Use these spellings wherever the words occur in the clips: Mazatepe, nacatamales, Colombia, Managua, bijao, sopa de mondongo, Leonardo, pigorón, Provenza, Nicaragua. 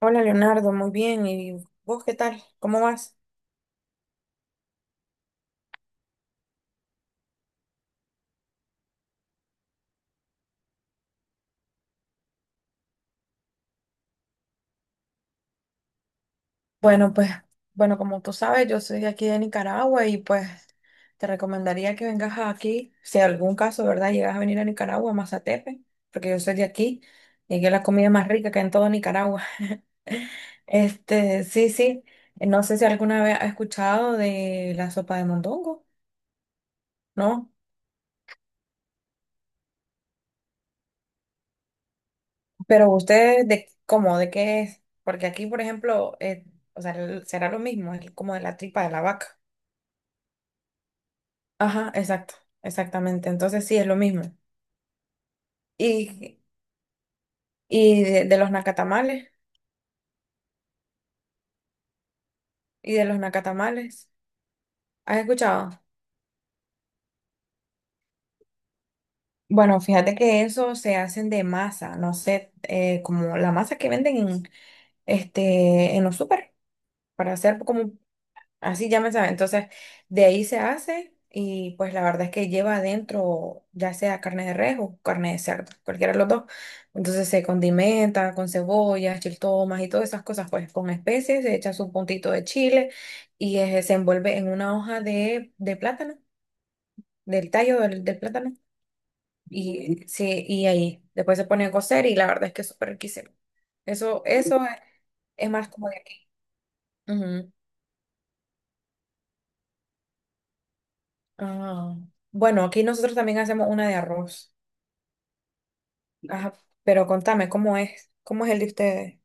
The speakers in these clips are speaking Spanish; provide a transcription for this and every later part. Hola Leonardo, muy bien. ¿Y vos qué tal? ¿Cómo vas? Bueno, pues, bueno, como tú sabes, yo soy de aquí de Nicaragua y pues te recomendaría que vengas aquí, si en algún caso, ¿verdad? Llegas a venir a Nicaragua, a Mazatepe, porque yo soy de aquí y aquí es la comida más rica que hay en todo Nicaragua. Sí, sí, no sé si alguna vez has escuchado de la sopa de mondongo, ¿no? Pero ustedes, ¿de cómo? ¿De qué es? Porque aquí, por ejemplo, o sea, será lo mismo, es como de la tripa de la vaca. Ajá, exacto, exactamente. Entonces sí, es lo mismo. Y, y de los nacatamales, y de los nacatamales, ¿has escuchado? Bueno, fíjate que eso se hacen de masa, no sé, como la masa que venden en los súper, para hacer como así ya me sabe. Entonces, de ahí se hace y pues la verdad es que lleva adentro ya sea carne de res o carne de cerdo, cualquiera de los dos. Entonces se condimenta con cebollas, chiltomas y todas esas cosas, pues con especies, se echa su puntito de chile y se envuelve en una hoja de plátano, del tallo del plátano. Y, sí, y ahí después se pone a cocer y la verdad es que es súper riquísimo. Eso es más como de aquí. Ujú. Ah. Bueno, aquí nosotros también hacemos una de arroz. Ajá, pero contame, ¿cómo es? ¿Cómo es el de ustedes?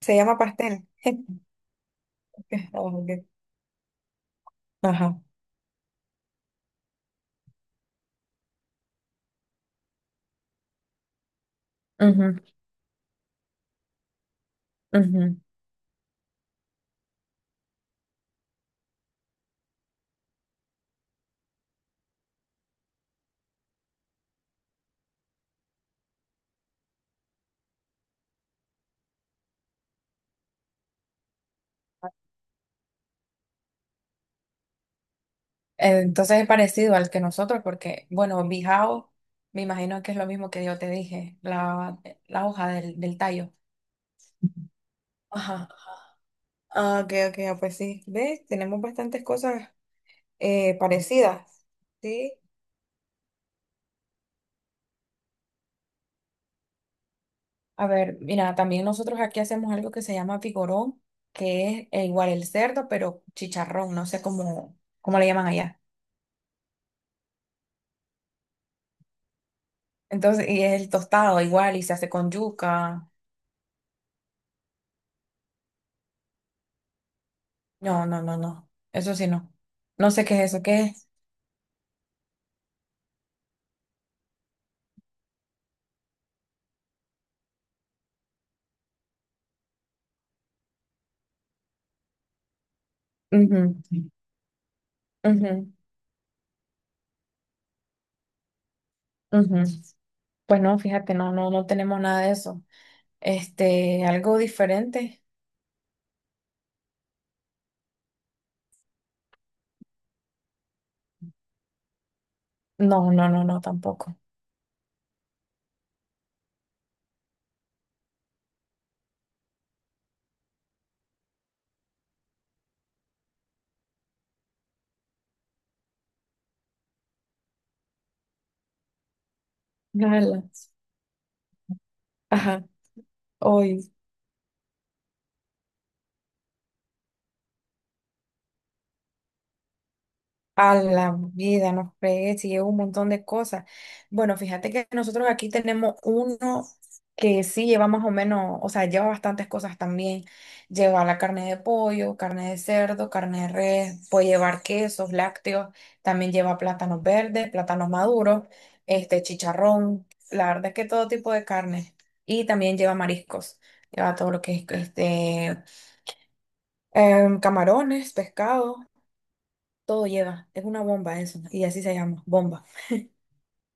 ¿Se llama pastel? Oh, ok. Ajá. Ujú, ujú. Entonces es parecido al que nosotros, porque, bueno, bijao, me imagino que es lo mismo que yo te dije, la hoja del tallo. Ajá. Ah, ok, ok, ah, pues sí. ¿Ves? Tenemos bastantes cosas parecidas. Sí. A ver, mira, también nosotros aquí hacemos algo que se llama pigorón, que es igual el cerdo, pero chicharrón, no sé cómo, cómo le llaman allá. Entonces, y es el tostado igual y se hace con yuca. No, no, no, no. Eso sí no. No sé qué es eso, ¿qué es? Ujú, ujú, ujú. Pues no, fíjate, no, no, no tenemos nada de eso. Algo diferente. No, no, no, no, tampoco. Nada. Ajá. Hoy. A la vida, nos fregué, sí, lleva un montón de cosas. Bueno, fíjate que nosotros aquí tenemos uno que sí lleva más o menos, o sea, lleva bastantes cosas también. Lleva la carne de pollo, carne de cerdo, carne de res, puede llevar quesos, lácteos, también lleva plátanos verdes, plátanos maduros, este chicharrón, la verdad es que todo tipo de carne. Y también lleva mariscos, lleva todo lo que es camarones, pescado. Todo lleva, es una bomba eso, ¿no? Y así se llama, bomba.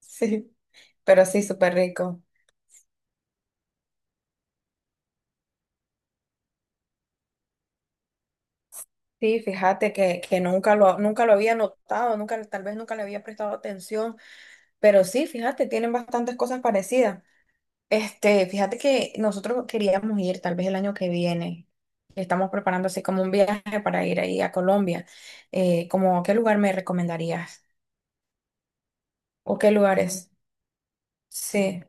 Sí, pero sí, súper rico. Sí, fíjate que, que nunca lo había notado, nunca, tal vez nunca le había prestado atención, pero sí, fíjate, tienen bastantes cosas parecidas. Fíjate que nosotros queríamos ir tal vez el año que viene. Estamos preparando así como un viaje para ir ahí a Colombia. Como, ¿qué lugar me recomendarías? ¿O qué lugares? Sí.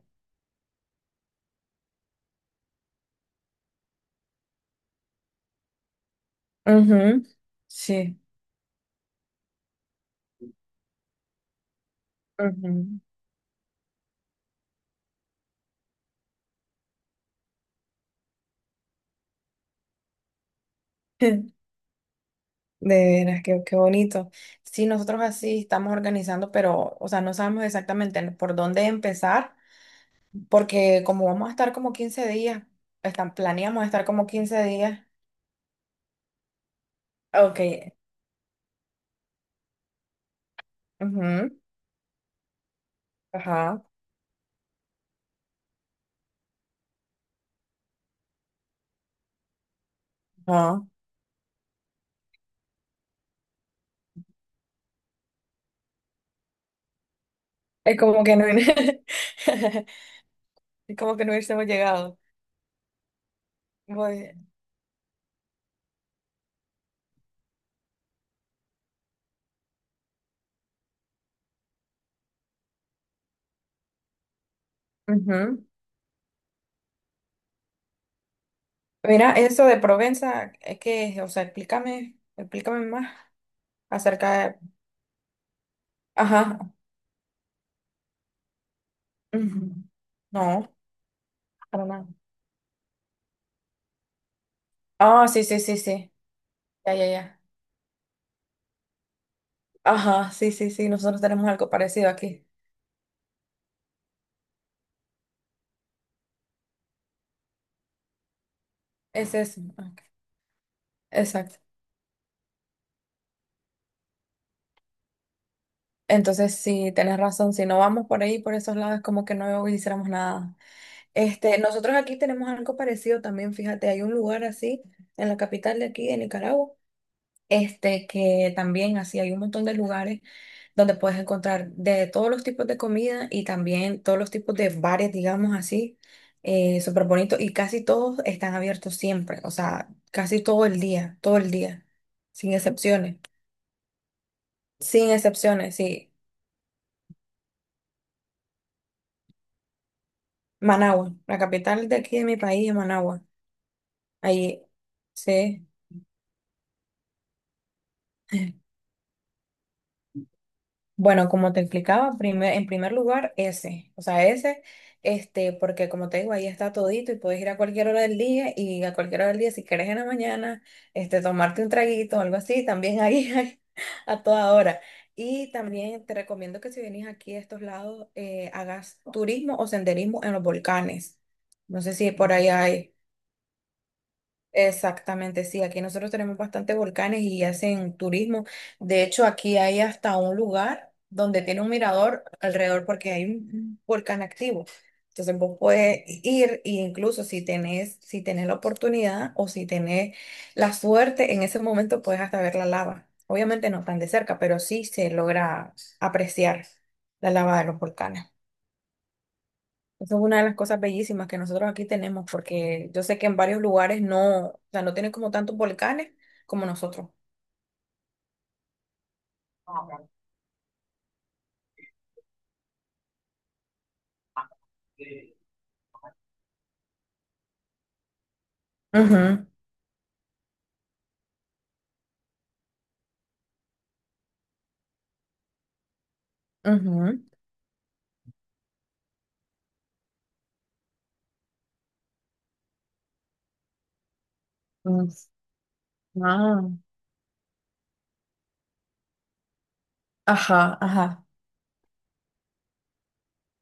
Ujú. Sí. Ujú. De veras, qué, qué bonito. Sí, nosotros así estamos organizando, pero, o sea, no sabemos exactamente por dónde empezar, porque como vamos a estar como 15 días, están, planeamos estar como 15 días. Ok. Ujú. Ajá. Ajá. Es como que no, es como que no hubiésemos llegado. Voy- Ujú. Mira, eso de Provenza, es que, o sea, explícame, explícame más acerca de... Ajá. Ujú. No, para nada. Ah, sí, sí, sí, sí. Ya, ya, ya. Ajá, sí, sí, sí, nosotros tenemos algo parecido aquí. Es eso. Ok, exacto. Entonces, sí, tenés razón, si no vamos por ahí, por esos lados, es como que no hiciéramos nada. Nosotros aquí tenemos algo parecido también, fíjate, hay un lugar así en la capital de aquí, de Nicaragua, que también así hay un montón de lugares donde puedes encontrar de todos los tipos de comida y también todos los tipos de bares, digamos así, súper bonitos y casi todos están abiertos siempre, o sea, casi todo el día, sin excepciones, sin excepciones, sí. Managua, la capital de aquí de mi país es Managua, ahí, sí. Bueno, como te explicaba, en primer lugar, ese, o sea, ese, porque como te digo, ahí está todito y puedes ir a cualquier hora del día y a cualquier hora del día, si quieres en la mañana, tomarte un traguito o algo así, también ahí hay a toda hora. Y también te recomiendo que si venís aquí a estos lados, hagas turismo o senderismo en los volcanes. No sé si por ahí hay. Exactamente, sí, aquí nosotros tenemos bastantes volcanes y hacen turismo. De hecho, aquí hay hasta un lugar donde tiene un mirador alrededor porque hay un volcán activo. Entonces vos puedes ir e incluso si tenés, si tenés la oportunidad o si tenés la suerte, en ese momento puedes hasta ver la lava. Obviamente no tan de cerca, pero sí se logra apreciar la lava de los volcanes. Eso es una de las cosas bellísimas que nosotros aquí tenemos, porque yo sé que en varios lugares no, o sea, no tienen como tantos volcanes como nosotros. Ujú, ujú, mm, ah, ajá, ajá.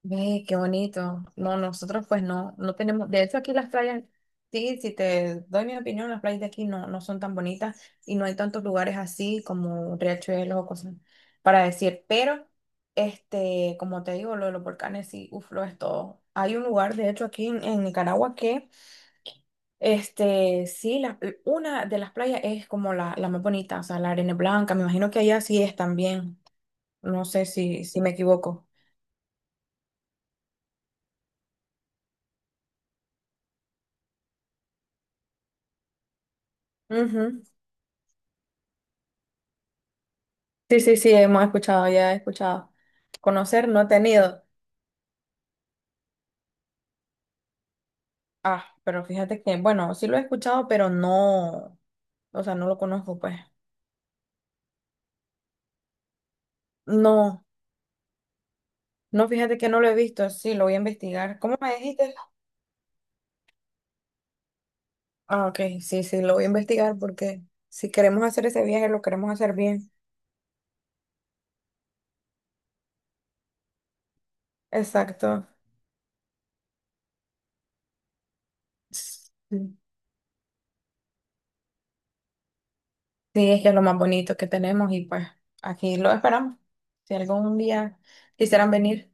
Ve, qué bonito. No, nosotros pues no, no tenemos, de hecho aquí las playas, sí, si te doy mi opinión, las playas de aquí no, no son tan bonitas y no hay tantos lugares así como riachuelos o cosas para decir, pero como te digo, lo de los volcanes sí, uf, lo es todo. Hay un lugar, de hecho, aquí en Nicaragua que, sí, una de las playas es como la más bonita, o sea, la arena es blanca, me imagino que allá sí es también, no sé si me equivoco. Ujú. Sí, sí, sí, hemos escuchado, ya he escuchado. Conocer no he tenido. Ah, pero fíjate que, bueno, sí lo he escuchado, pero no, o sea, no lo conozco, pues. No, no, fíjate que no lo he visto, sí, lo voy a investigar. ¿Cómo me dijiste? Ah, ok, sí, sí, lo voy a investigar porque si queremos hacer ese viaje, lo queremos hacer bien. Exacto. Sí, sí, es que es lo más bonito que tenemos y pues aquí lo esperamos. Si algún día quisieran venir.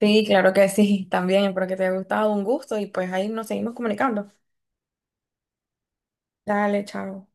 Sí, claro que sí, también, espero que te haya gustado, un gusto y pues ahí nos seguimos comunicando. Dale, chao.